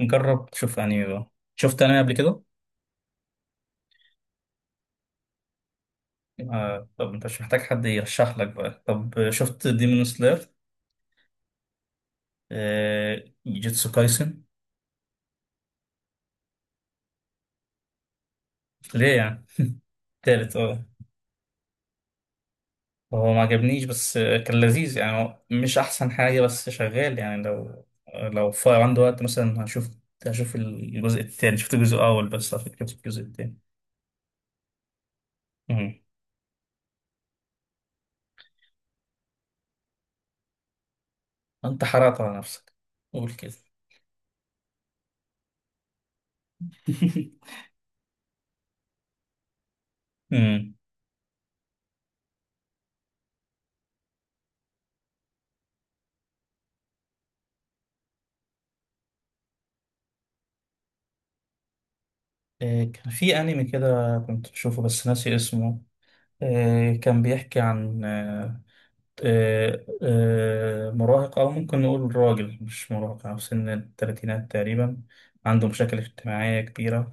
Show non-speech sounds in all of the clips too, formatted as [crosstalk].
نجرب شوف يعني. شفت أنمي قبل كده؟ آه طب أنت مش محتاج حد يرشح لك بقى. طب شفت ديمون سلاير؟ آه جيتسو كايسن؟ ليه يعني؟ تالت اه. هو ما عجبنيش بس كان لذيذ يعني، هو مش أحسن حاجة بس شغال يعني لو لو فاضي عنده وقت مثلا هشوف. هشوف الجزء التاني. شفت الجزء الأول، بس على فكرة شفت الجزء التاني. مم. أنت حرقت على نفسك. قول كده. [laughs] مم. كان في انمي كده كنت بشوفه بس ناسي اسمه. كان بيحكي عن آه، مراهق، أو ممكن نقول راجل مش مراهق، أو سن التلاتينات تقريبا، عنده مشاكل اجتماعية كبيرة.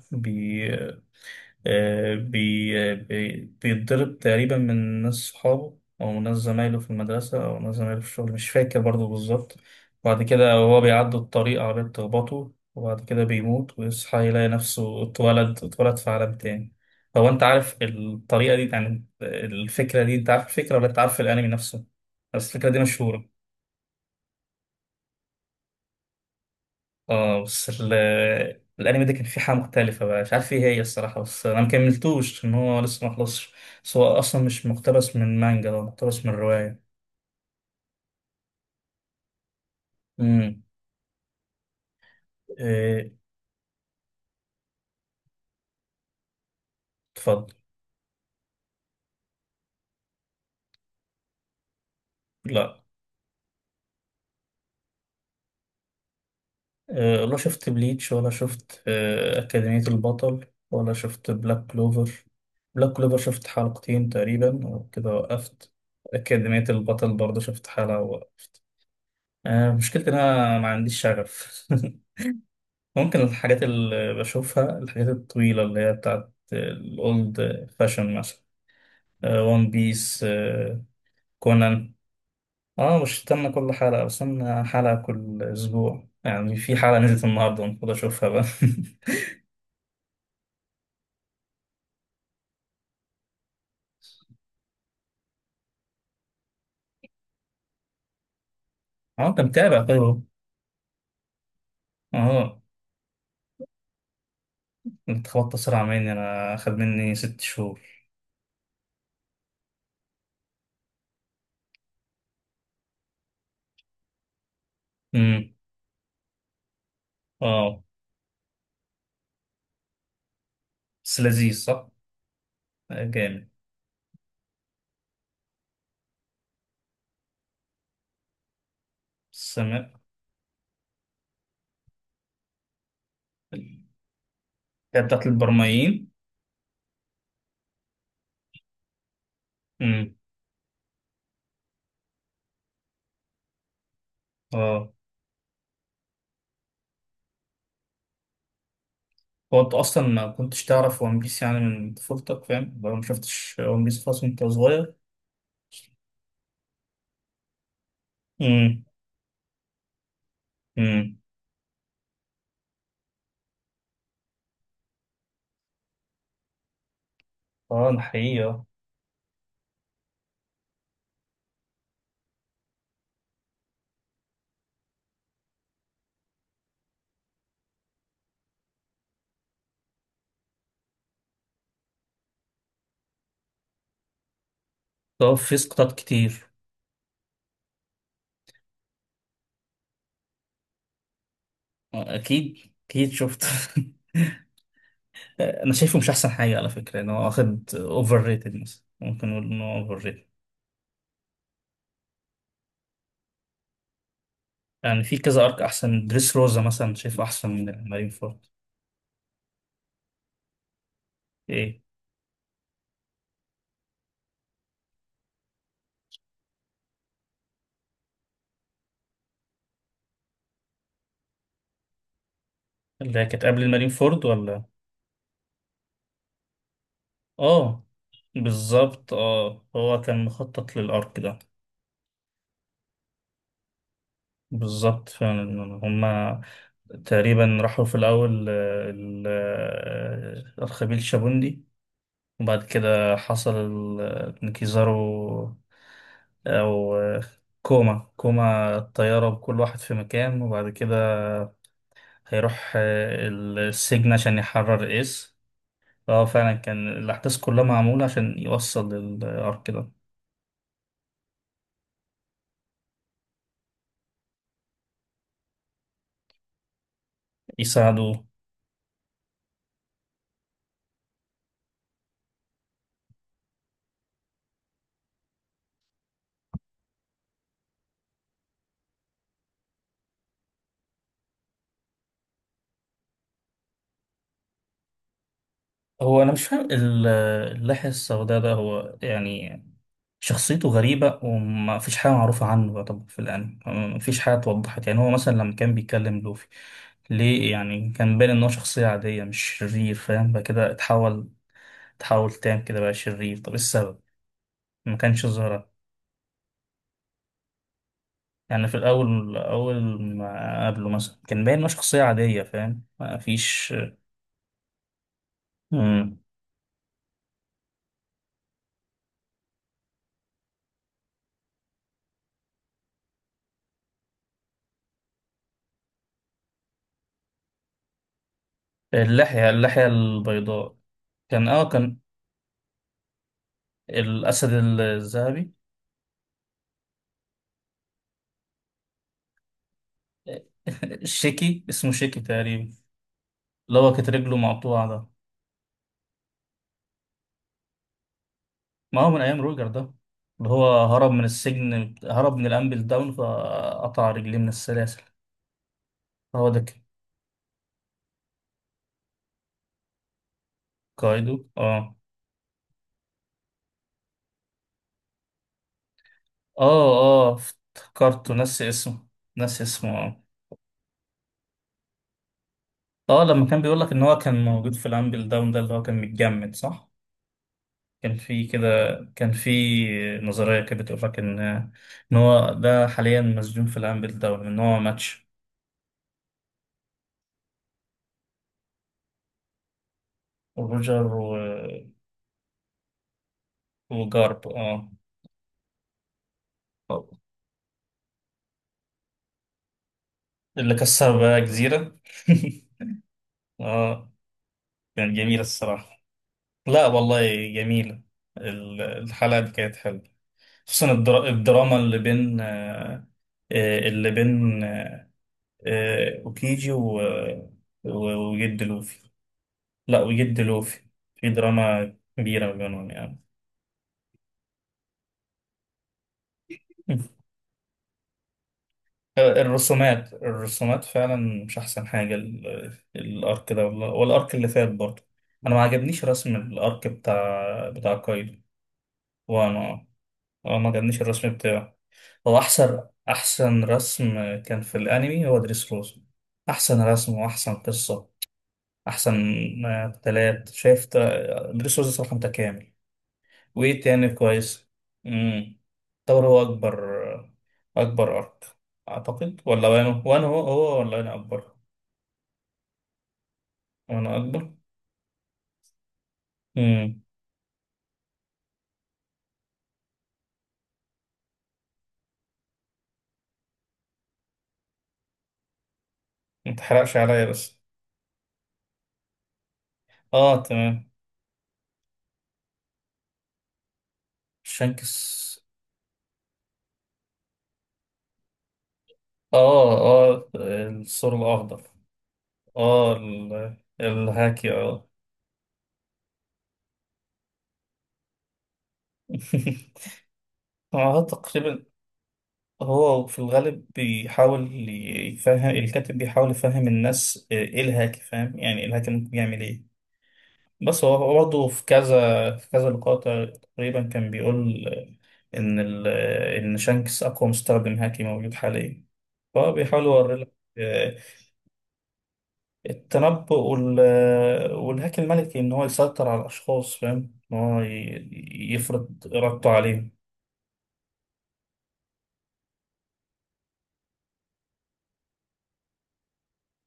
آه، بي بي- بيتضرب تقريبا من ناس صحابه أو من ناس زمايله في المدرسة أو ناس زمايله في الشغل، مش فاكر برضه بالظبط. وبعد كده وهو بيعدي الطريق عربية تخبطه، وبعد كده بيموت ويصحى يلاقي نفسه اتولد في عالم تاني. هو أنت عارف الطريقة دي، يعني الفكرة دي، أنت عارف الفكرة ولا أنت عارف الأنمي نفسه؟ بس الفكرة دي مشهورة. اه بس الانمي ده كان فيه حاجه مختلفه بقى، مش عارف ايه هي الصراحه، بس انا مكملتوش، ان هو لسه ما خلصش. بس هو اصلا مش مقتبس من مانجا، هو مقتبس من روايه. امم. إيه، اتفضل. لا إيه، لا شفت بليتش ولا شفت إيه، اكاديميه البطل، ولا شفت بلاك كلوفر. بلاك كلوفر شفت حلقتين تقريبا وكده وقفت. اكاديميه البطل برضه شفت حلقه ووقفت. مشكلتي إن انا ما عنديش شغف. [laughs] ممكن الحاجات اللي بشوفها الحاجات الطويلة اللي هي بتاعت الأولد فاشن مثلا، ون بيس، كونان. اه مش استنى كل حلقة، بستنى حلقة كل أسبوع، يعني في حلقة نزلت النهاردة المفروض أشوفها بقى. [laughs] اه أنت متابع طيب أهو. اه أنت خبطت أسرع مني، أنا أخد مني ست شهور. امم. اه بس لذيذ صح؟ جامد. السماء بتاعت البرمائيين. امم. اه، هو انت اصلا ما كنتش تعرف ون بيس يعني من طفولتك، فاهم، لو ما شفتش ون بيس خالص وانت صغير. امم. امم. اه ده حقيقة. طب في سقطات كتير. اكيد اكيد شفت. [laughs] انا شايفه مش احسن حاجة على فكرة، ان هو واخد اوفر ريتد، مثلا ممكن نقول ان هو اوفر ريتد. يعني في كذا ارك احسن، دريس روزا مثلا شايفه احسن من المارين فورد. ايه. اللي هي كانت قبل المارين فورد ولا. اه بالظبط، اه هو كان مخطط للارك ده. بالظبط فعلا. هما تقريبا راحوا في الأول أرخبيل شابوندي، وبعد كده حصل انكساره، أو كوما كوما الطيارة بكل واحد في مكان، وبعد كده هيروح السجن عشان يحرر إيس. اه فعلا كان الأحداث كلها معمولة عشان يوصل للأرك ده. يساعده. هو أنا مش فاهم اللحية السوداء ده، هو يعني شخصيته غريبة وما فيش حاجة معروفة عنه، طبعا في الأنمي ما فيش حاجة اتوضحت، يعني هو مثلا لما كان بيكلم لوفي، ليه يعني كان باين إن هو شخصية عادية مش شرير، فاهم، بقى كده اتحول تام كده بقى شرير، طب إيه السبب؟ ما كانش ظاهرة. يعني في الأول، أول ما قابله مثلا، كان باين إن هو شخصية عادية فاهم ما فيش. مم. اللحية اللحية البيضاء. كان اه كان. الأسد الذهبي. [laughs] شيكي، اسمه شيكي تقريبا. اللي هو كانت رجله مقطوعة ده. ما هو من أيام روجر ده. اللي هو هرب من السجن، هرب من الأمبل داون، فقطع رجليه من السلاسل. هو ده كان. كايدو اه اه اه. افتكرته ناسي اسمه. ناسي اسمه اه. اه، لما كان بيقول لك إن هو كان موجود في الأمبل داون ده اللي هو كان متجمد صح؟ كان في كده، كان في نظرية كده بتقول لك إن إن هو ده حاليا مسجون في الأمبل داون، إن هو ماتش. روجر و... وجارب اه. اللي كسر بقى جزيرة. [laughs] اه كانت جميلة الصراحة. لا والله جميلة. الحلقة دي كانت حلوة، خصوصا الدراما اللي بين اللي بين أوكيجي وجد لوفي. لا وجد لوفي. في دراما كبيرة ما بينهم يعني. [laughs] الرسومات الرسومات فعلا. مش أحسن حاجة الأرك ده والله، والأرك اللي فات برضه. أنا ما عجبنيش رسم الأرك بتاع كايدو. وأنا اه ما عجبنيش الرسم بتاعه. هو احسن رسم كان في الانمي هو دريس روز، احسن رسم واحسن قصه، احسن قتالات، شايف دريس روز صراحه متكامل. وايه تاني كويس. امم. طور هو اكبر، اكبر ارك اعتقد. ولا وانا وانا هو هو ولا انا اكبر وانا اكبر. امم. متحرقش عليا بس. اه تمام. شانكس اه. اه الثور الاخضر. اه الهاكي اه. [laughs] اه تقريبا. هو في الغالب بيحاول يفهم، الكاتب بيحاول يفهم الناس ايه الهاكي فاهم، يعني الهاكي ممكن يعمل ايه. بس هو برضه في كذا في كذا لقاء تقريبا كان بيقول آه، ان ال آه، ان شانكس اقوى مستخدم هاكي موجود حاليا، فهو بيحاول يوري لك آه، التنبؤ والهاك الملكي، ان هو يسيطر على الاشخاص فاهم، ان هو يفرض ارادته عليهم.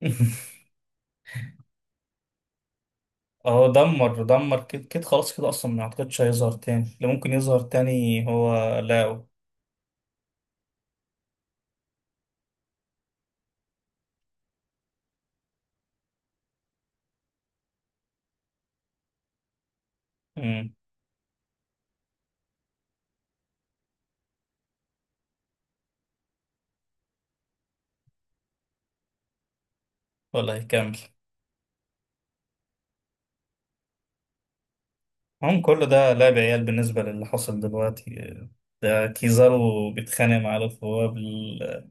[laughs] اه دمر كده كده خلاص، كده اصلا ما اعتقدش هيظهر تاني، اللي ممكن يظهر تاني هو لاو. امم. ولا هيكمل. هم كل ده لعب عيال بالنسبة للي حصل دلوقتي. ده كيزارو بيتخانق مع الف،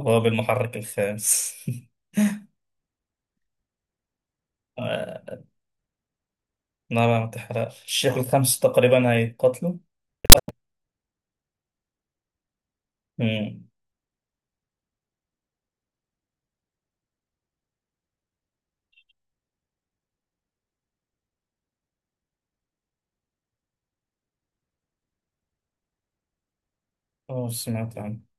هو بالمحرك الخامس. [laughs] آه، نعم ما تحرقش، الشيخ الخامس تقريبا هيقتله. امم. اه سمعت عنه.